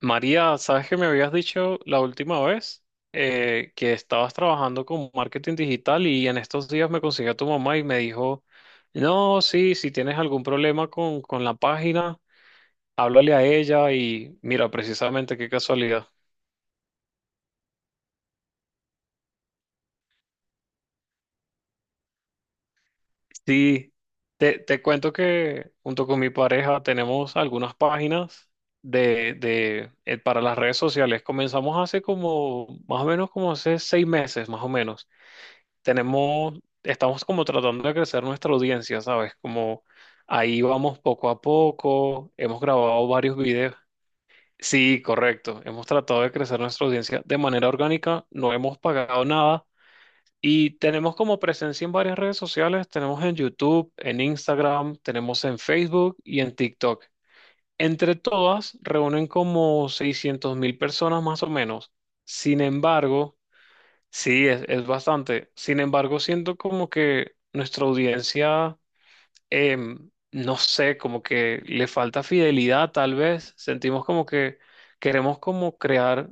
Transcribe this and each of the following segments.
María, ¿sabes que me habías dicho la última vez que estabas trabajando con marketing digital y en estos días me consiguió tu mamá y me dijo, no, sí, si tienes algún problema con la página, háblale a ella y mira, precisamente qué casualidad. Sí, te cuento que junto con mi pareja tenemos algunas páginas para las redes sociales. Comenzamos hace como, más o menos como hace 6 meses, más o menos. tenemos, estamos como tratando de crecer nuestra audiencia, ¿sabes? Como ahí vamos poco a poco, hemos grabado varios videos. Sí, correcto, hemos tratado de crecer nuestra audiencia de manera orgánica, no hemos pagado nada y tenemos como presencia en varias redes sociales, tenemos en YouTube, en Instagram, tenemos en Facebook y en TikTok. Entre todas reúnen como 600.000 personas más o menos. Sin embargo, sí, es bastante. Sin embargo, siento como que nuestra audiencia, no sé, como que le falta fidelidad, tal vez. Sentimos como que queremos como crear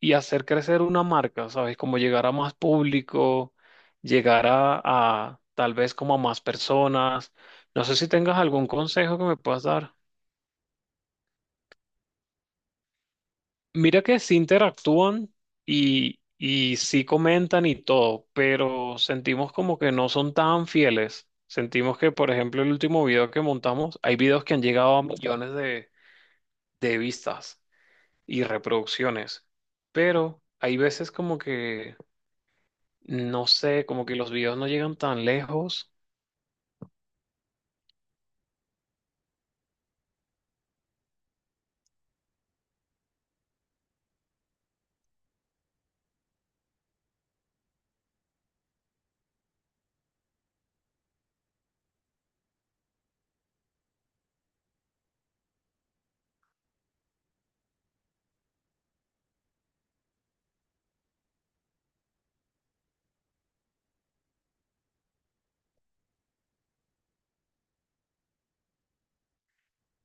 y hacer crecer una marca, ¿sabes? Como llegar a más público, llegar a tal vez como a más personas. No sé si tengas algún consejo que me puedas dar. Mira que sí interactúan y sí comentan y todo, pero sentimos como que no son tan fieles. Sentimos que, por ejemplo, el último video que montamos, hay videos que han llegado a millones de vistas y reproducciones, pero hay veces como que, no sé, como que los videos no llegan tan lejos.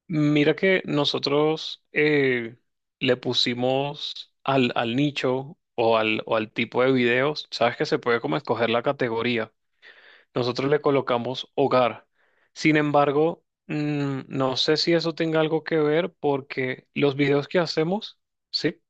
Mira que nosotros le pusimos al nicho o al tipo de videos, sabes que se puede como escoger la categoría. Nosotros le colocamos hogar. Sin embargo, no sé si eso tenga algo que ver porque los videos que hacemos, sí,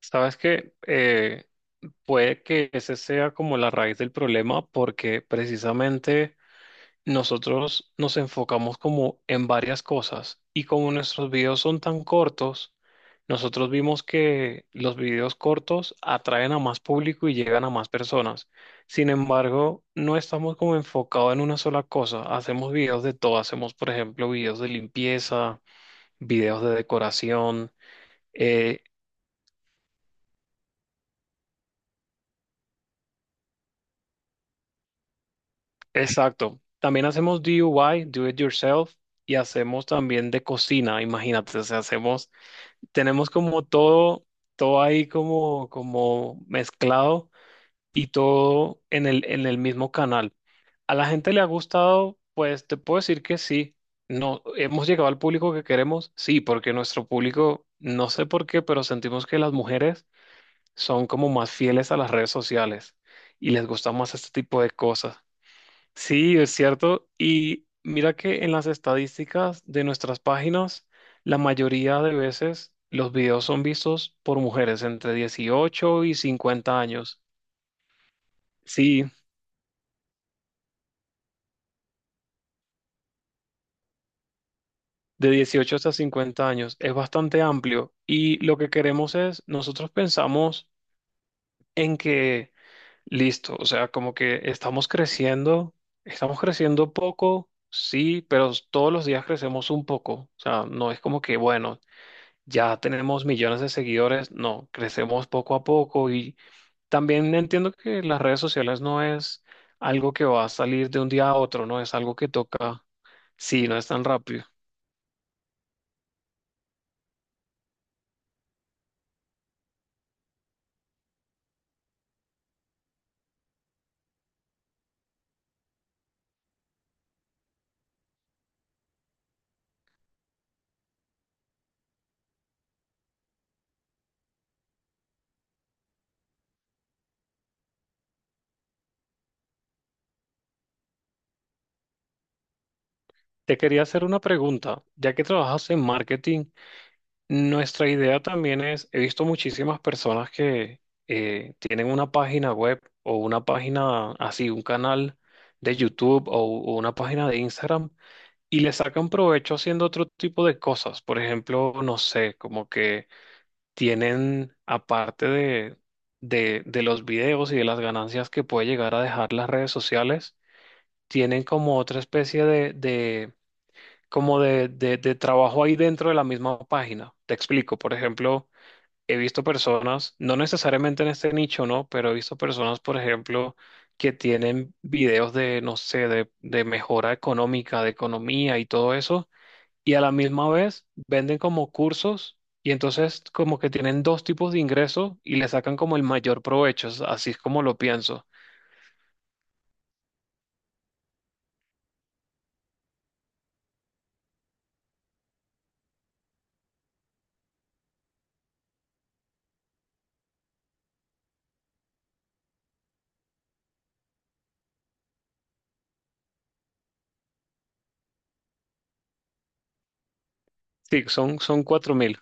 sabes que puede que ese sea como la raíz del problema porque precisamente. Nosotros nos enfocamos como en varias cosas y como nuestros videos son tan cortos, nosotros vimos que los videos cortos atraen a más público y llegan a más personas. Sin embargo, no estamos como enfocados en una sola cosa. Hacemos videos de todo. Hacemos, por ejemplo, videos de limpieza, videos de decoración. eh, exacto. También hacemos DIY, do it yourself, y hacemos también de cocina. Imagínate, o sea, hacemos tenemos como todo, todo ahí como mezclado y todo en el mismo canal. ¿A la gente le ha gustado? Pues te puedo decir que sí. No, hemos llegado al público que queremos, sí, porque nuestro público, no sé por qué, pero sentimos que las mujeres son como más fieles a las redes sociales y les gusta más este tipo de cosas. Sí, es cierto. Y mira que en las estadísticas de nuestras páginas, la mayoría de veces los videos son vistos por mujeres entre 18 y 50 años. Sí, de 18 hasta 50 años. Es bastante amplio. Y lo que queremos es, nosotros pensamos en que, listo, o sea, como que estamos creciendo poco. Sí, pero todos los días crecemos un poco. O sea, no es como que, bueno, ya tenemos millones de seguidores, no, crecemos poco a poco y también entiendo que las redes sociales no es algo que va a salir de un día a otro, no es algo que toca, sí, no es tan rápido. Te quería hacer una pregunta, ya que trabajas en marketing, nuestra idea también es, he visto muchísimas personas que tienen una página web o una página así, un canal de YouTube o una página de Instagram y le sacan provecho haciendo otro tipo de cosas. Por ejemplo, no sé, como que tienen, aparte de los videos y de las ganancias que puede llegar a dejar las redes sociales, tienen como otra especie de como de trabajo ahí dentro de la misma página. Te explico, por ejemplo, he visto personas, no necesariamente en este nicho, ¿no? Pero he visto personas, por ejemplo, que tienen videos de, no sé, de mejora económica, de economía y todo eso y a la misma vez venden como cursos y entonces como que tienen dos tipos de ingresos y le sacan como el mayor provecho, así es como lo pienso. Sí, son 4.000.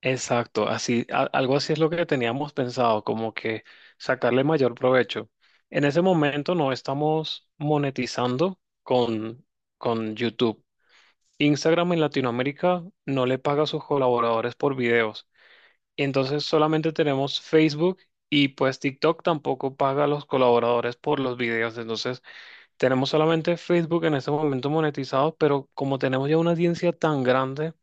Exacto, así, algo así es lo que teníamos pensado, como que sacarle mayor provecho. En ese momento no estamos monetizando con YouTube. Instagram en Latinoamérica no le paga a sus colaboradores por videos. Entonces solamente tenemos Facebook y pues TikTok tampoco paga a los colaboradores por los videos. Entonces tenemos solamente Facebook en este momento monetizado, pero como tenemos ya una audiencia tan grande,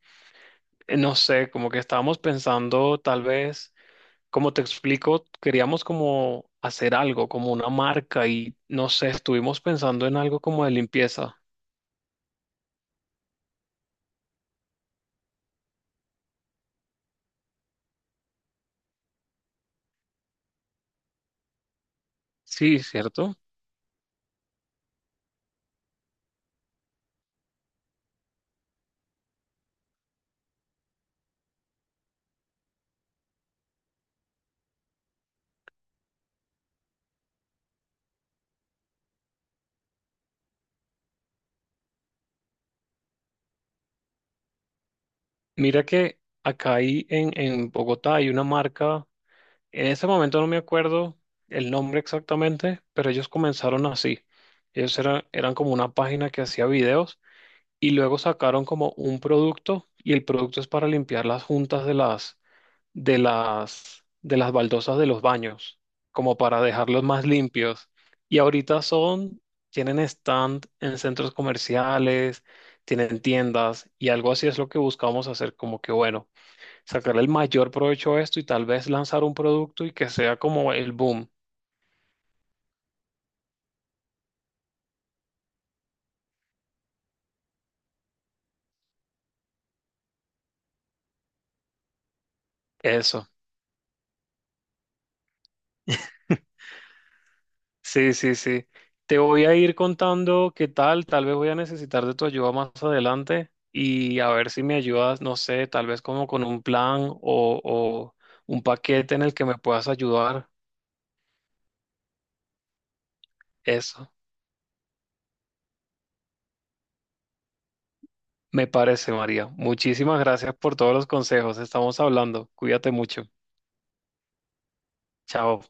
no sé, como que estábamos pensando tal vez, como te explico, queríamos como hacer algo, como una marca y no sé, estuvimos pensando en algo como de limpieza. Sí, ¿cierto? Mira que acá hay en Bogotá hay una marca. En ese momento no me acuerdo el nombre exactamente, pero ellos comenzaron así. Eran como una página que hacía videos y luego sacaron como un producto y el producto es para limpiar las juntas de las baldosas de los baños, como para dejarlos más limpios. Y ahorita tienen stand en centros comerciales, tienen tiendas y algo así es lo que buscamos hacer, como que bueno sacar el mayor provecho a esto y tal vez lanzar un producto y que sea como el boom. Eso. Sí, sí, sí. Te voy a ir contando qué tal, tal vez voy a necesitar de tu ayuda más adelante y a ver si me ayudas, no sé, tal vez como con un plan o un paquete en el que me puedas ayudar. Eso. Me parece, María. Muchísimas gracias por todos los consejos. Estamos hablando. Cuídate mucho. Chao.